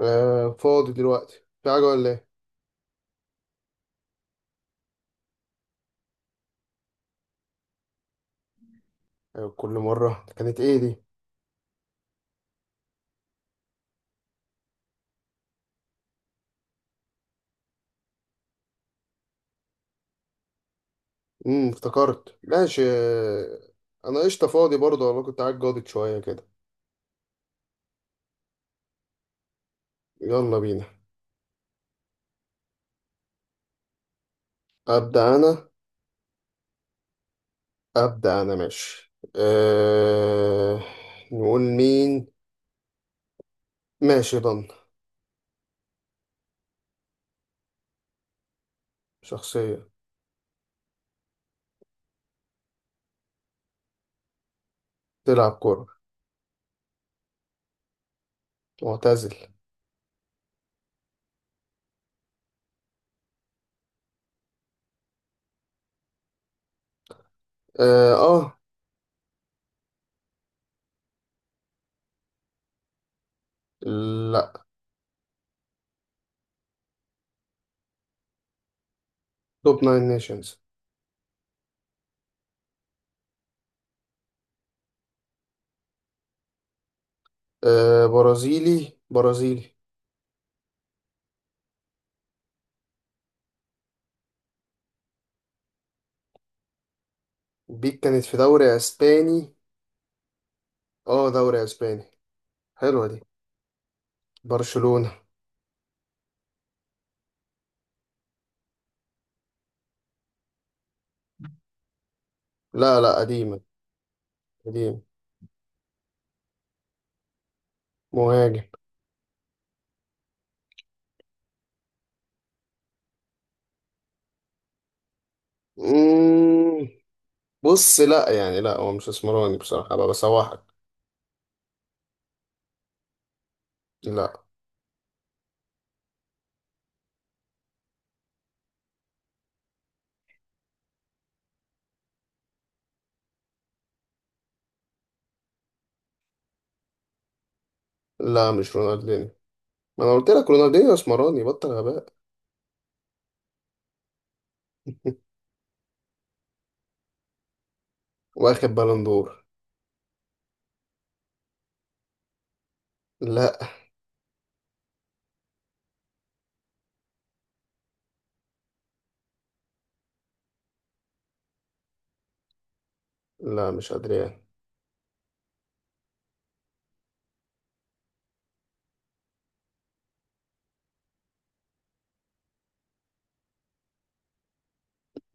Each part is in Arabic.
آه، فاضي دلوقتي. في حاجة ولا ايه؟ أيوة، كل مرة كانت ايه دي؟ افتكرت ماشي. انا قشطة، فاضي برضه والله، كنت قاعد جاضد شوية كده. يلا بينا. أبدأ أنا. أبدأ أنا ماشي. نقول مين. ماشي ضن. شخصية. تلعب كورة. معتزل. اه. آه. لا. توب ناين نيشنز. برازيلي برازيلي. بيك كانت في دوري اسباني. اه، دوري اسباني. حلوة دي. برشلونة. لا لا، قديمة. قديم. مهاجم. مم. بص، لا يعني لا، هو مش اسمراني بصراحة، أبقى بسوحك. لا. لا مش رونالدينيو. ما أنا قلت لك رونالدينيو اسمراني، بطل غباء. واخد بالون دور. لا. لا مش أدريان.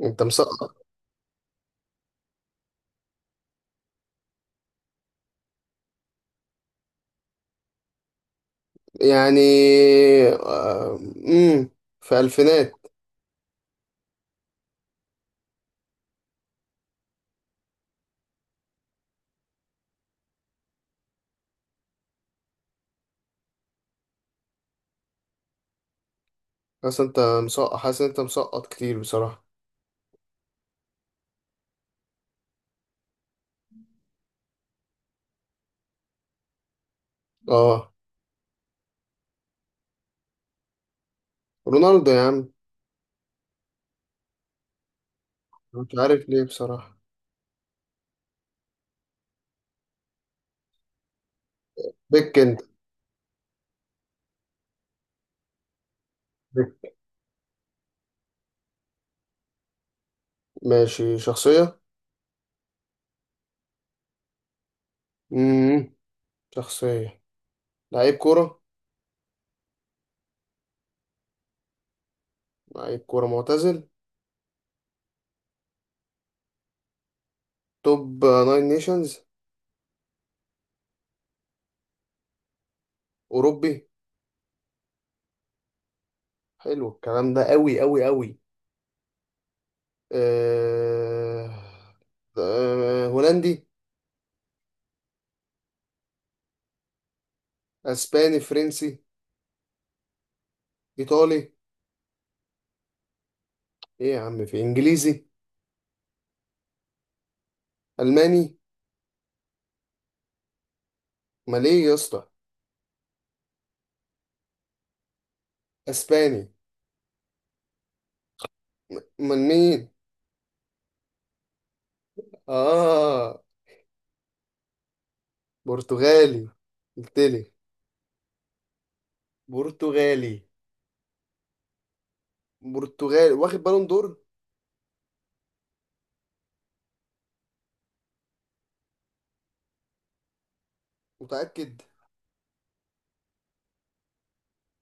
أنت مسقط. يعني آه، مم. في ألفينات. حاسس أنت مسقط كتير بصراحة. أه. رونالدو يا عم. مش عارف ليه بصراحة. بيك أنت. بيك. ماشي شخصية. امم شخصية. لعيب كورة. لعيب كورة معتزل. توب ناين نيشنز. أوروبي. حلو الكلام ده أوي أوي أوي. أه... هولندي. أسباني، فرنسي. إيطالي. إيه يا عم، في إنجليزي. ألماني. أمال إيه يا اسطى. أسباني. أمال مين. آه، برتغالي. قلتلي. برتغالي. برتغالي واخد بالون دور. متأكد.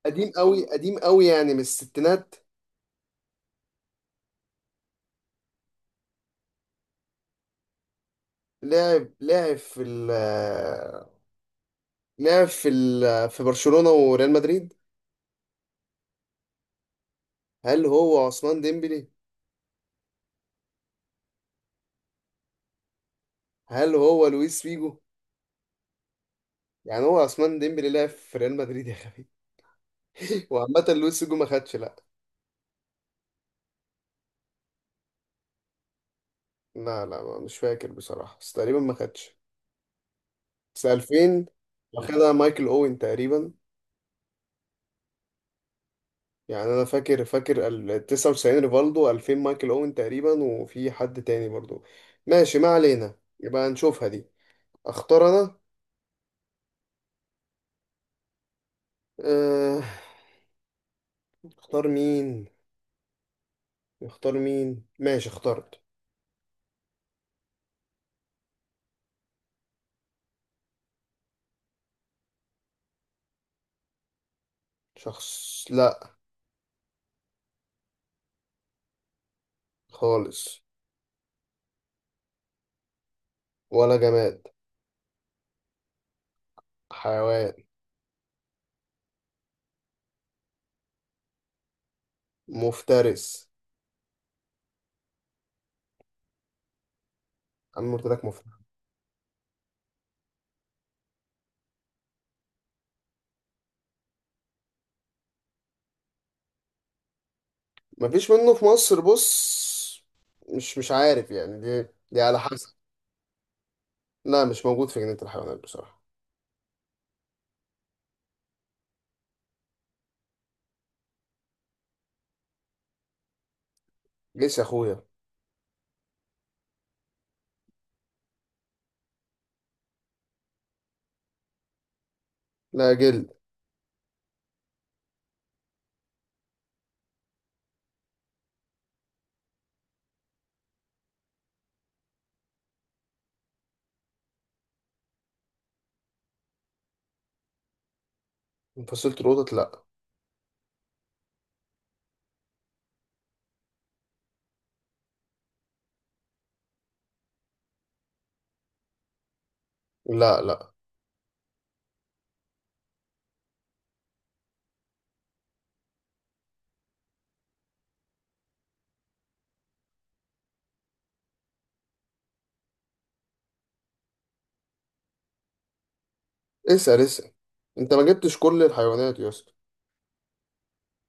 قديم أوي قديم أوي، يعني من الستينات. لعب في ال. لعب في برشلونة وريال مدريد. هل هو عثمان ديمبلي. هل هو لويس فيجو. يعني هو عثمان ديمبلي لعب في ريال مدريد يا خبيث. وعامة لويس فيجو ما خدش، لا. لا لا، مش فاكر بصراحة، بس تقريبا ما خدش. بس 2000. واخدها مايكل اوين تقريبا. يعني انا فاكر ال 99 ريفالدو، 2000 مايكل اوين تقريبا، وفي حد تاني برضو. ماشي ما علينا، يبقى نشوفها دي. اختار انا. أه اختار مين. اختار مين ماشي اخترت. شخص. لا. خالص. ولا جماد. حيوان. مفترس. انا قلت لك مفترس. مفيش منه في مصر، بص. مش عارف، يعني دي على حسب. لا مش موجود في جنينة الحيوانات بصراحة. جيس يا اخويا. لا جلد. فصيلة القطط، لا. لا لا. اسأل اسأل. انت ما جبتش كل الحيوانات يا اسطى.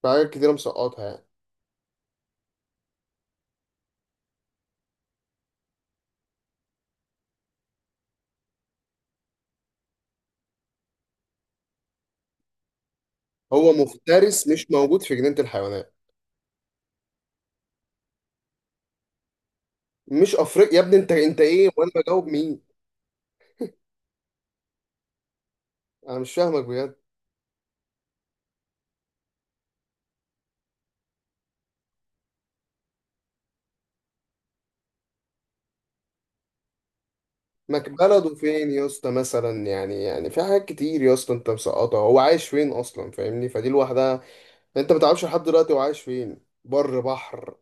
في حاجات كتيرة مسقطها يعني. هو مفترس، مش موجود في جنينة الحيوانات. مش افريقيا يا ابني، انت ايه وانا بجاوب مين. انا مش فاهمك بجد. ما ك- بلده فين يا اسطى، مثلا يعني في حاجات كتير يا اسطى انت مسقطها. هو عايش فين اصلا، فاهمني؟ فدي لوحدها. انت ما تعرفش لحد دلوقتي هو عايش فين، بر بحر؟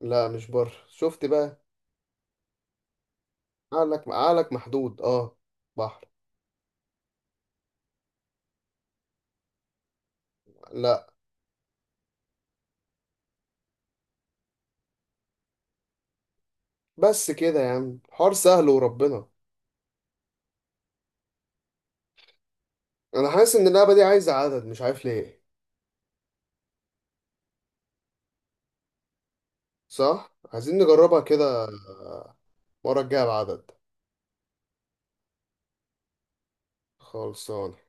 لا مش بر، شفت بقى. عقلك عقلك محدود، اه. بحر. لا. بس كده يا عم، حوار سهل وربنا. انا حاسس ان اللعبه دي عايزه عدد، مش عارف ليه. صح، عايزين نجربها كده. المره الجايه بعدد. خلصان.